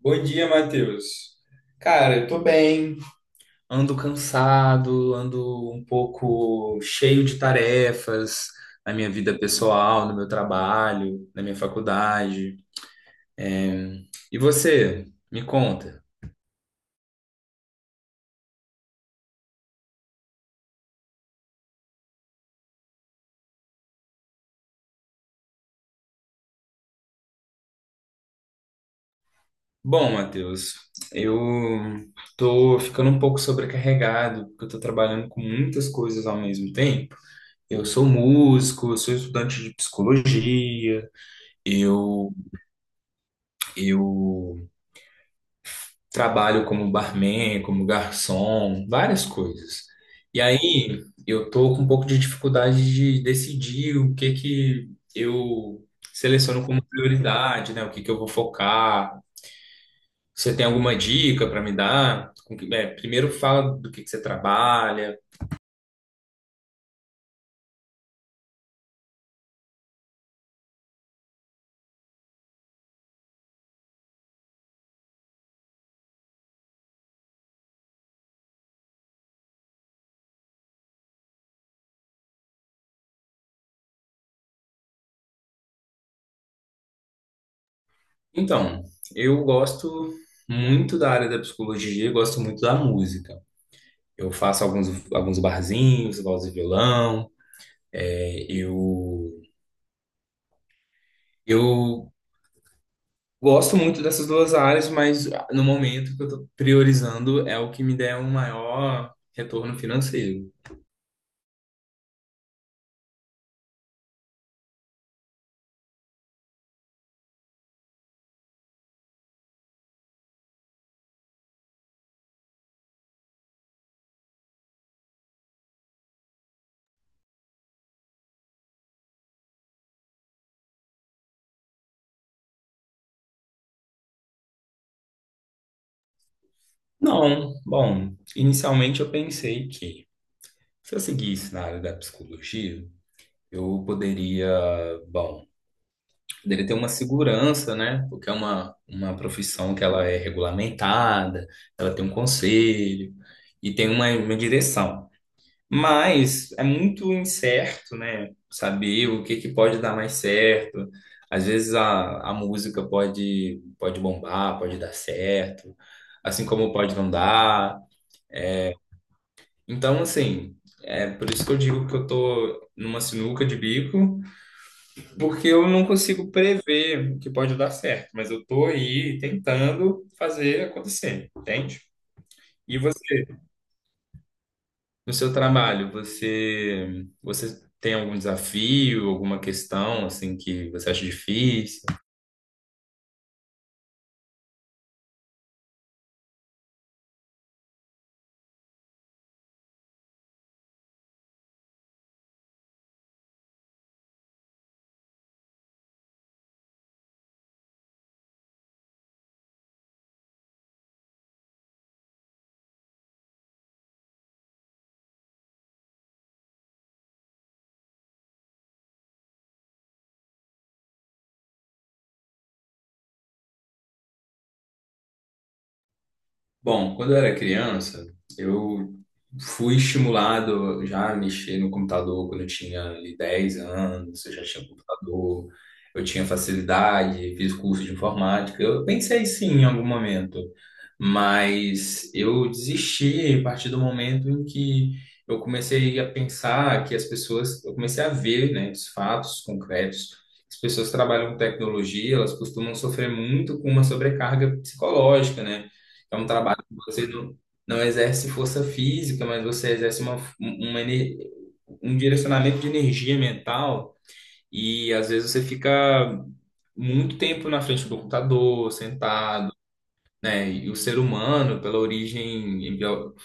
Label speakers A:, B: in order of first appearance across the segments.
A: Bom dia, Matheus. Cara, eu tô bem. Ando cansado, ando um pouco cheio de tarefas na minha vida pessoal, no meu trabalho, na minha faculdade. E você, me conta. Bom, Matheus, eu tô ficando um pouco sobrecarregado, porque eu tô trabalhando com muitas coisas ao mesmo tempo. Eu sou músico, eu sou estudante de psicologia, eu eu trabalho como barman, como garçom, várias coisas. E aí eu tô com um pouco de dificuldade de decidir o que que eu seleciono como prioridade, né? O que que eu vou focar. Você tem alguma dica para me dar? É, primeiro fala do que você trabalha. Então, eu gosto muito da área da psicologia, eu gosto muito da música. Eu faço alguns, Alguns barzinhos, voz e violão. é, eu eu gosto muito dessas duas áreas, mas no momento o que eu estou priorizando é o que me der um maior retorno financeiro. Não, bom, inicialmente eu pensei que se eu seguisse na área da psicologia, eu bom, poderia ter uma segurança, né? Porque é uma profissão que ela é regulamentada, ela tem um conselho e tem uma direção. Mas é muito incerto, né? Saber o que que pode dar mais certo. Às vezes a música pode bombar, pode dar certo, assim como pode não dar. Então, assim, é por isso que eu digo que eu tô numa sinuca de bico, porque eu não consigo prever o que pode dar certo, mas eu tô aí tentando fazer acontecer, entende? E você? No seu trabalho, você tem algum desafio, alguma questão assim que você acha difícil? Bom, quando eu era criança, eu fui estimulado já a mexer no computador quando eu tinha ali 10 anos, eu já tinha computador, eu tinha facilidade, fiz curso de informática. Eu pensei sim em algum momento, mas eu desisti a partir do momento em que eu comecei a pensar que as pessoas, eu comecei a ver, né, os fatos concretos. As pessoas que trabalham com tecnologia, elas costumam sofrer muito com uma sobrecarga psicológica, né? É um trabalho que você não, não exerce força física, mas você exerce um um direcionamento de energia mental e às vezes você fica muito tempo na frente do computador, sentado, né? E o ser humano, pela origem, bio-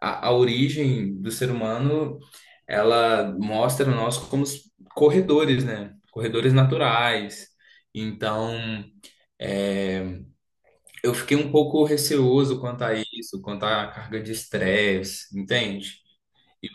A: a, a origem do ser humano, ela mostra nós como corredores, né? Corredores naturais. Então, é, eu fiquei um pouco receoso quanto a isso, quanto à carga de estresse, entende? E-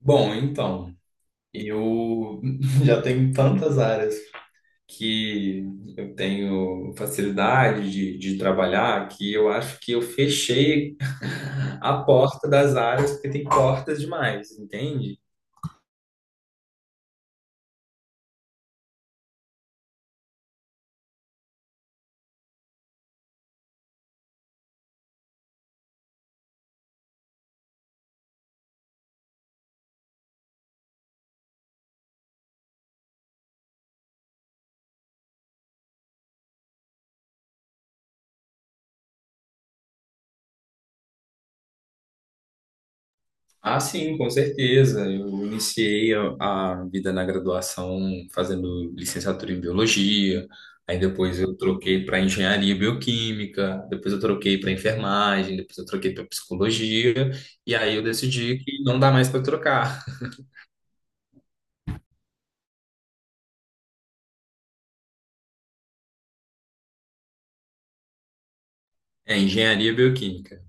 A: Bom, então, eu já tenho tantas áreas que eu tenho facilidade de trabalhar que eu acho que eu fechei a porta das áreas, porque tem portas demais, entende? Ah, sim, com certeza. Eu iniciei a vida na graduação fazendo licenciatura em biologia, aí depois eu troquei para engenharia bioquímica, depois eu troquei para enfermagem, depois eu troquei para psicologia, e aí eu decidi que não dá mais para trocar. É engenharia bioquímica.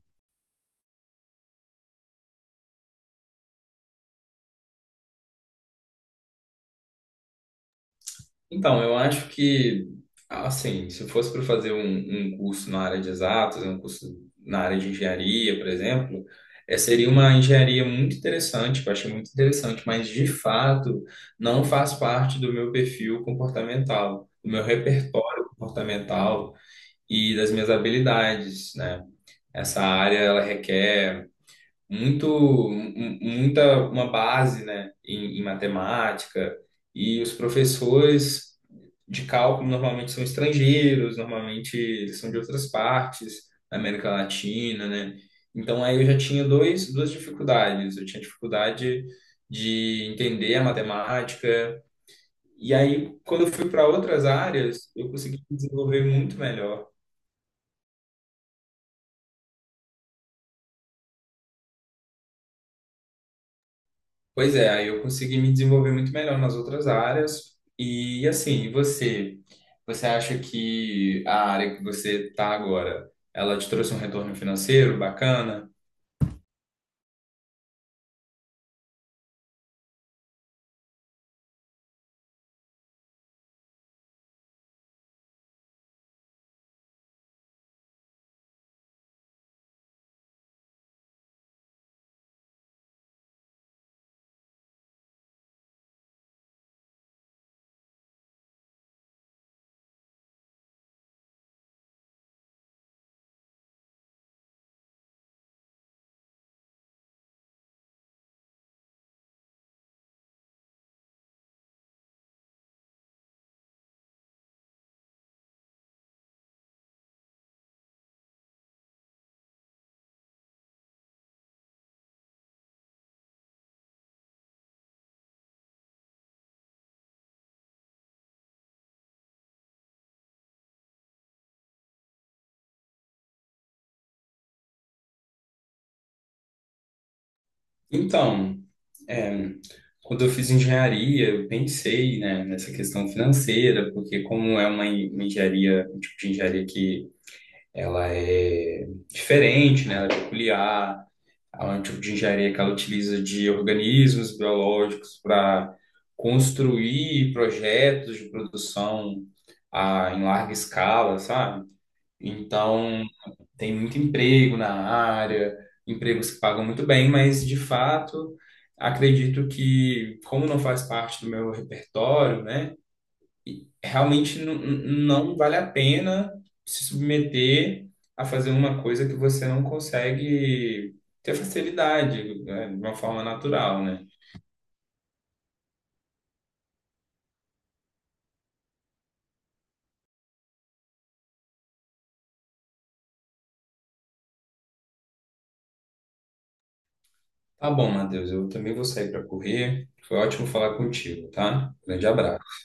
A: Então, eu acho que, assim, se fosse para fazer um curso na área de exatas, um curso na área de engenharia, por exemplo, seria uma engenharia muito interessante, que eu achei muito interessante, mas de fato não faz parte do meu perfil comportamental, do meu repertório comportamental e das minhas habilidades, né? Essa área, ela requer muita uma base, né, em matemática e os professores de cálculo normalmente são estrangeiros, normalmente eles são de outras partes da América Latina, né? Então aí eu já tinha duas dificuldades. Eu tinha dificuldade de entender a matemática e aí quando eu fui para outras áreas eu consegui me desenvolver muito melhor. Pois é, aí eu consegui me desenvolver muito melhor nas outras áreas. E assim, você acha que a área que você está agora, ela te trouxe um retorno financeiro bacana? Então, é, quando eu fiz engenharia, eu pensei, né, nessa questão financeira, porque como é uma engenharia, um tipo de engenharia que ela é diferente, né, ela é peculiar. É um tipo de engenharia que ela utiliza de organismos biológicos para construir projetos de produção em larga escala, sabe? Então, tem muito emprego na área, empregos que pagam muito bem, mas de fato, acredito que, como não faz parte do meu repertório, né? E realmente não vale a pena se submeter a fazer uma coisa que você não consegue ter facilidade, né, de uma forma natural, né? Tá bom, Matheus, eu também vou sair para correr. Foi ótimo falar contigo, tá? Grande abraço.